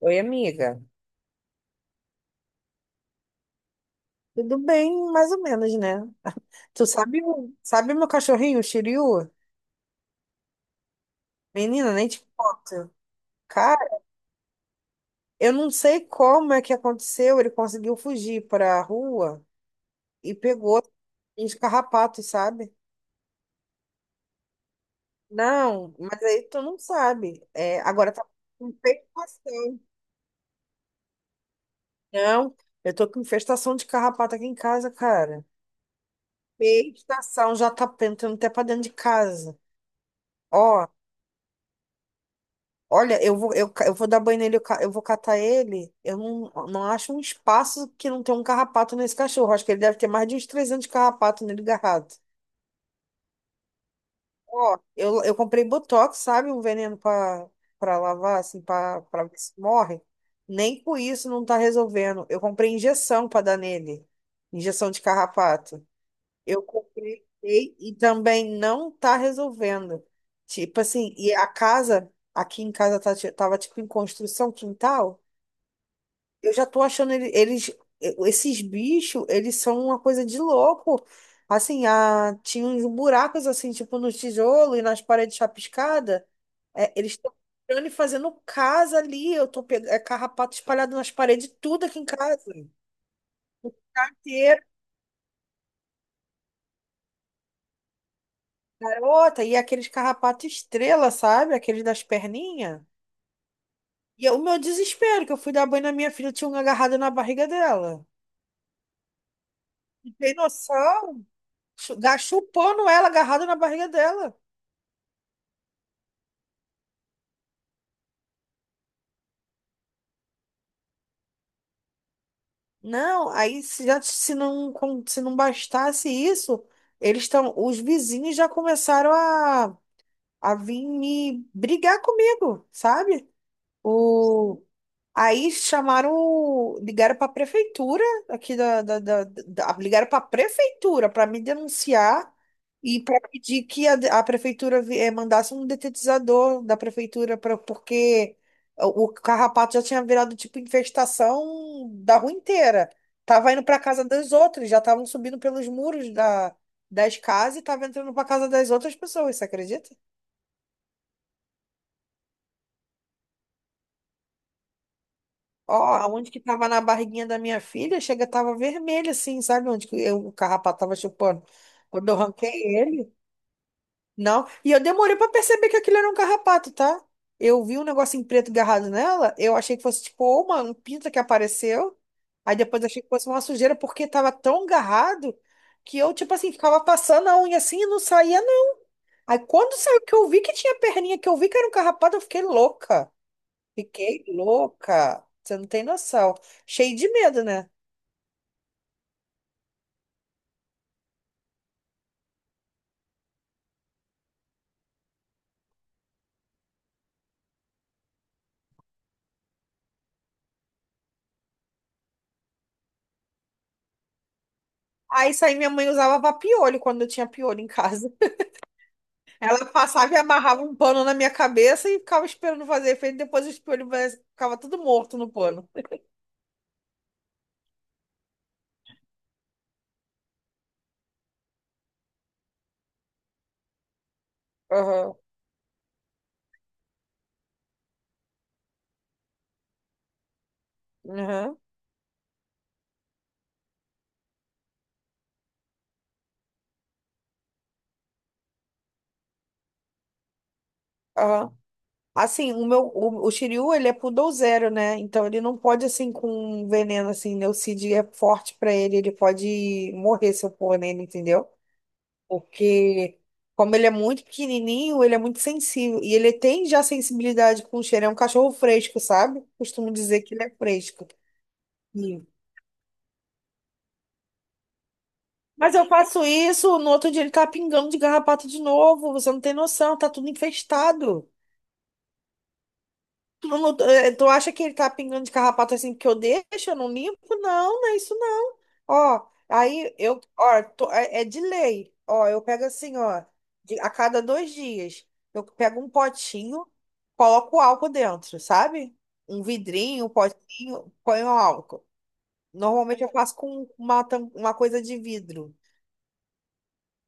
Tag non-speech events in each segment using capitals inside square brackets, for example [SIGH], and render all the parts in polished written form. Oi, amiga. Tudo bem, mais ou menos, né? [LAUGHS] Tu sabe, sabe meu cachorrinho, o Shiryu? Menina, nem te conto. Cara, eu não sei como é que aconteceu. Ele conseguiu fugir para a rua e pegou uns carrapatos, sabe? Não, mas aí tu não sabe. É, agora tá com infestação. Não, eu tô com infestação de carrapato aqui em casa, cara. Infestação já tá entrando até pra dentro de casa. Ó, Olha, eu vou dar banho nele, eu vou catar ele. Eu não acho um espaço que não tem um carrapato nesse cachorro. Acho que ele deve ter mais de uns 300 carrapatos nele garrado. Ó, eu comprei Botox, sabe? Um veneno pra lavar, assim, pra ver se morre. Nem com isso não tá resolvendo. Eu comprei injeção pra dar nele. Injeção de carrapato. Eu comprei e também não tá resolvendo. Tipo assim, e a casa, aqui em casa tava tipo em construção, quintal. Eu já tô achando eles, esses bichos, eles são uma coisa de louco. Assim, tinha uns buracos assim, tipo no tijolo e nas paredes chapiscadas. É, eles estão entrando e fazendo casa ali. Eu tô pegando carrapato espalhado nas paredes, tudo aqui em casa. Carteira, garota, e aqueles carrapato estrela, sabe? Aqueles das perninhas. E é o meu desespero, que eu fui dar banho na minha filha, tinha um agarrado na barriga dela. Não tem noção? Chupando ela, agarrado na barriga dela. Não, aí se já se não com- se não bastasse isso, os vizinhos já começaram a vir me brigar comigo, sabe? O Aí ligaram para a prefeitura aqui da, da, da- da- ligaram para a prefeitura para me denunciar e para pedir que a prefeitura mandasse um detetizador da prefeitura porque o carrapato já tinha virado tipo infestação da rua inteira. Tava indo para casa das outras, já estavam subindo pelos muros das casas e tava entrando para casa das outras pessoas, você acredita? Ó, aonde que tava na barriguinha da minha filha, chega, tava vermelho assim, sabe onde que o carrapato tava chupando? Quando eu arranquei ele, não. E eu demorei pra perceber que aquilo era um carrapato, tá? Eu vi um negócio em preto agarrado nela, eu achei que fosse tipo, ô, mano, um pinto que apareceu. Aí depois achei que fosse uma sujeira, porque tava tão agarrado que eu, tipo assim, ficava passando a unha assim e não saía, não. Aí quando saiu que eu vi que tinha perninha, que eu vi que era um carrapato, eu fiquei louca. Fiquei louca. Você não tem noção. Cheio de medo, né? Aí saí, minha mãe usava pra piolho quando eu tinha piolho em casa. [LAUGHS] Ela passava e amarrava um pano na minha cabeça e ficava esperando fazer efeito. Depois os piolhos ficava tudo morto no pano. Aham, aham, aham. Assim, o Shiryu, ele é poodle, né? Então ele não pode, assim, com veneno, assim, Neucid é forte pra ele pode morrer se eu pôr nele, entendeu? Porque, como ele é muito pequenininho, ele é muito sensível. E ele tem já sensibilidade com o cheiro. É um cachorro fresco, sabe? Costumo dizer que ele é fresco. Sim. Mas eu faço isso, no outro dia ele tá pingando de garrapato de novo. Você não tem noção, tá tudo infestado. Tu, não- eh, tu acha que ele tá pingando de carrapato assim porque eu deixo, eu não limpo? Não, não é isso. Ó, aí eu, ó, tô- é de lei. Ó, eu pego assim, ó, a cada 2 dias, eu pego um potinho, coloco álcool dentro, sabe? Um vidrinho, um potinho, ponho álcool. Normalmente eu faço com uma coisa de vidro.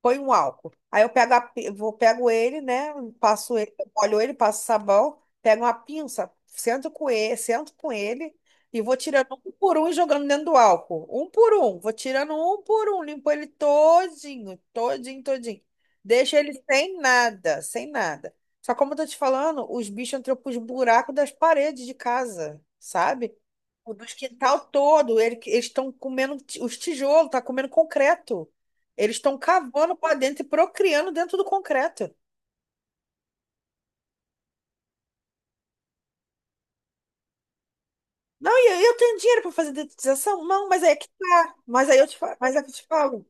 Põe um álcool. Aí eu pego, a pi- vou, pego ele, né? Passo ele, molho ele, passo sabão, pego uma pinça, sento com ele e vou tirando um por um e jogando dentro do álcool. Um por um. Vou tirando um por um, limpo ele todinho, todinho, todinho. Deixo ele sem nada, sem nada. Só como eu tô te falando, os bichos entram pros buracos das paredes de casa, sabe? O do quintal todo, eles estão comendo os tijolos, tá comendo concreto. Eles estão cavando para dentro e procriando dentro do concreto. Não, e aí eu tenho dinheiro para fazer dedetização? Não, mas aí é que tá. Mas é que eu te falo.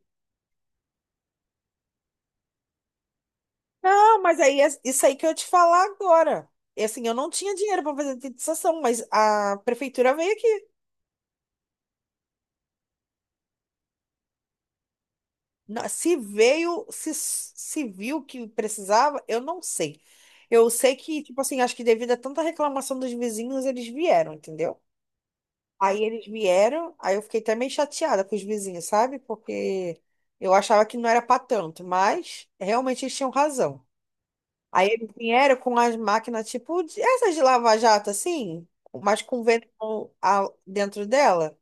Não, mas aí é isso aí que eu te falar agora. E assim, eu não tinha dinheiro para fazer dedetização, mas a prefeitura veio aqui. Se veio, se viu que precisava, eu não sei. Eu sei que, tipo assim, acho que devido a tanta reclamação dos vizinhos, eles vieram, entendeu? Aí eles vieram, aí eu fiquei até meio chateada com os vizinhos, sabe? Porque eu achava que não era para tanto, mas realmente eles tinham razão. Aí eles vieram com as máquinas, tipo, essas de lava-jato, assim, mas com vento dentro dela.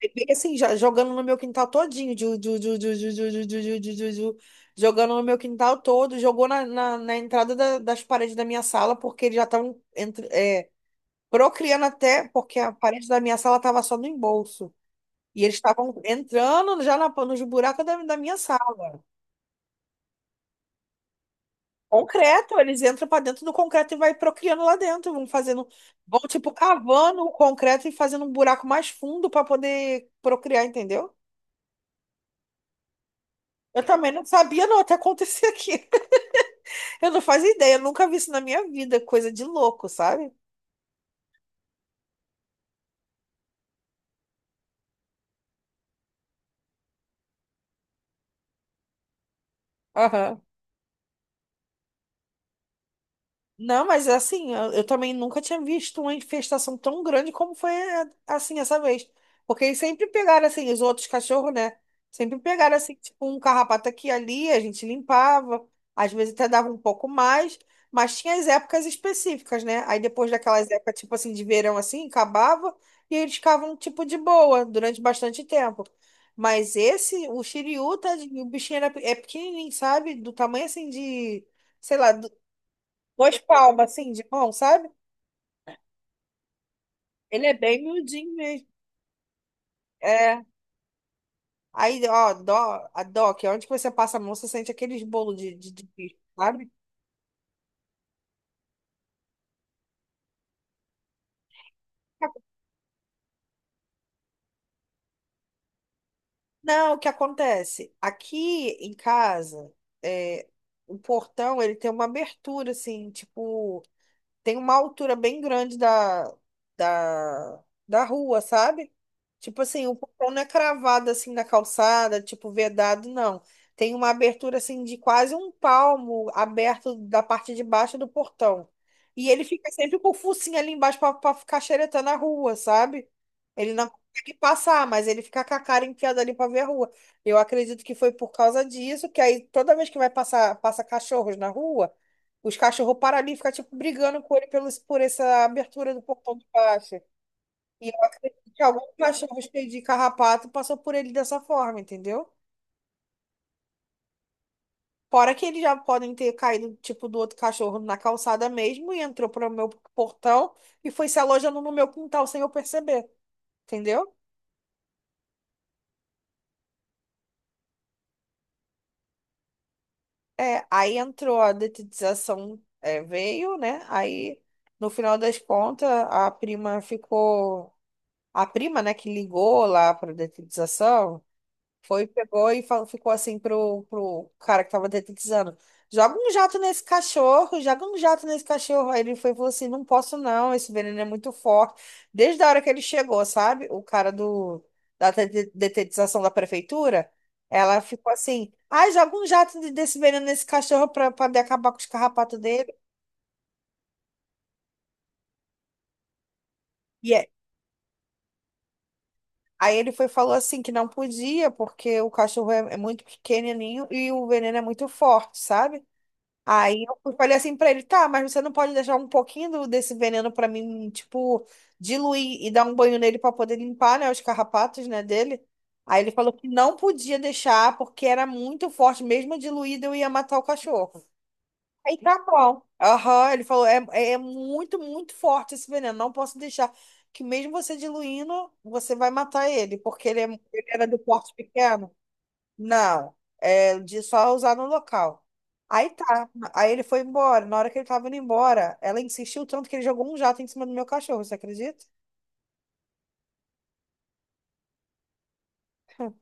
E fica assim, jogando no meu quintal todinho, ju, ju, ju, ju, ju, ju, ju, ju, ju, ju, ju, ju, jogando no meu quintal todo, jogou na entrada das paredes da minha sala, porque eles já estavam procriando até, porque a parede da minha sala estava só no embolso. E eles estavam entrando já nos buracos da minha sala. Concreto, eles entram para dentro do concreto e vai procriando lá dentro, vão fazendo, vão tipo cavando o concreto e fazendo um buraco mais fundo para poder procriar, entendeu? Eu também não sabia não até acontecer aqui. [LAUGHS] Eu não fazia ideia, eu nunca vi isso na minha vida, coisa de louco, sabe? Aham. Não, mas assim, eu também nunca tinha visto uma infestação tão grande como foi assim essa vez. Porque eles sempre pegaram assim, os outros cachorros, né? Sempre pegaram assim, tipo, um carrapato aqui e ali, a gente limpava, às vezes até dava um pouco mais, mas tinha as épocas específicas, né? Aí depois daquelas épocas, tipo assim, de verão assim, acabava e eles ficavam, tipo, de boa durante bastante tempo. Mas esse, o Shiryu, tadinho, o bichinho é pequenininho, sabe? Do tamanho assim de sei lá, duas palmas, assim, de mão, sabe? Ele é bem miudinho mesmo. É. Aí, ó, dó, a DOC, onde que você passa a mão, você sente aqueles bolos de bicho, sabe? Não, o que acontece? Aqui em casa, é, o portão, ele tem uma abertura, assim, tipo... tem uma altura bem grande da rua, sabe? Tipo assim, o portão não é cravado assim na calçada, tipo vedado, não. Tem uma abertura assim de quase um palmo aberto da parte de baixo do portão. E ele fica sempre com o focinho ali embaixo pra ficar xeretando a rua, sabe? Ele não consegue passar, mas ele fica com a cara enfiada ali pra ver a rua. Eu acredito que foi por causa disso, que aí toda vez que vai passar, passa cachorros na rua. Os cachorros param ali e ficam, tipo, brigando com ele por essa abertura do portão de baixo. E eu acredito que algum cachorro cheio de carrapato passou por ele dessa forma, entendeu? Fora que eles já podem ter caído, tipo, do outro cachorro na calçada mesmo e entrou para o meu portão e foi se alojando no meu quintal sem eu perceber, entendeu? É, aí entrou a detetização, é, veio, né? Aí, no final das contas, A prima, né, que ligou lá para a detetização, foi, pegou e falou, ficou assim pro cara que tava detetizando. Joga um jato nesse cachorro, joga um jato nesse cachorro. Aí ele foi e falou assim: não posso não, esse veneno é muito forte. Desde a hora que ele chegou, sabe? O cara da detetização da prefeitura, ela ficou assim: ai, joga um jato desse veneno nesse cachorro pra poder acabar com os carrapatos dele. E é- Aí ele foi e falou assim: que não podia, porque o cachorro é muito pequenininho e o veneno é muito forte, sabe? Aí eu falei assim pra ele, tá, mas você não pode deixar um pouquinho desse veneno pra mim, tipo, diluir e dar um banho nele pra poder limpar, né, os carrapatos, né, dele. Aí ele falou que não podia deixar porque era muito forte, mesmo diluído eu ia matar o cachorro. Aí tá bom. Aham, ele falou, é é muito, muito forte esse veneno, não posso deixar. Que mesmo você diluindo, você vai matar ele, porque ele era do porte pequeno. Não, é de só usar no local. Aí tá, aí ele foi embora. Na hora que ele tava indo embora, ela insistiu tanto que ele jogou um jato em cima do meu cachorro, você acredita? [LAUGHS]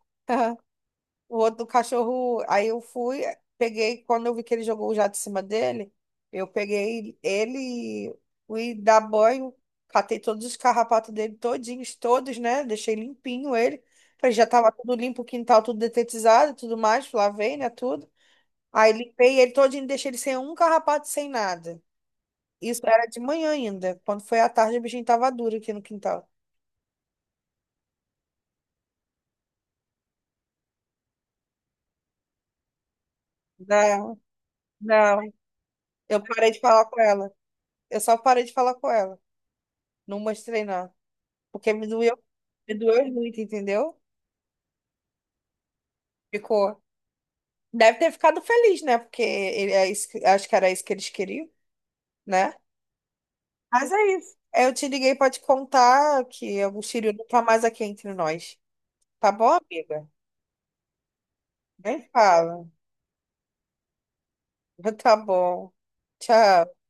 O outro cachorro, aí eu fui, peguei, quando eu vi que ele jogou o jato em cima dele, eu peguei ele, fui dar banho, catei todos os carrapatos dele todinhos, todos, né? Deixei limpinho ele. Falei, já tava tudo limpo, o quintal tudo detetizado, e tudo mais, lavei, né, tudo. Aí limpei ele todinho, deixei ele sem um carrapato, sem nada. Isso era de manhã ainda. Quando foi à tarde, o bichinho tava duro aqui no quintal. Não, não. Eu parei de falar com ela. Eu só parei de falar com ela. Não mostrei, não. Porque me doeu muito, entendeu? Ficou. Deve ter ficado feliz, né? Porque ele, acho que era isso que eles queriam, né? Mas é isso. Eu te liguei pra te contar que o Círio não tá mais aqui entre nós. Tá bom, amiga? Nem fala. [LAUGHS] Tá bom. Tchau.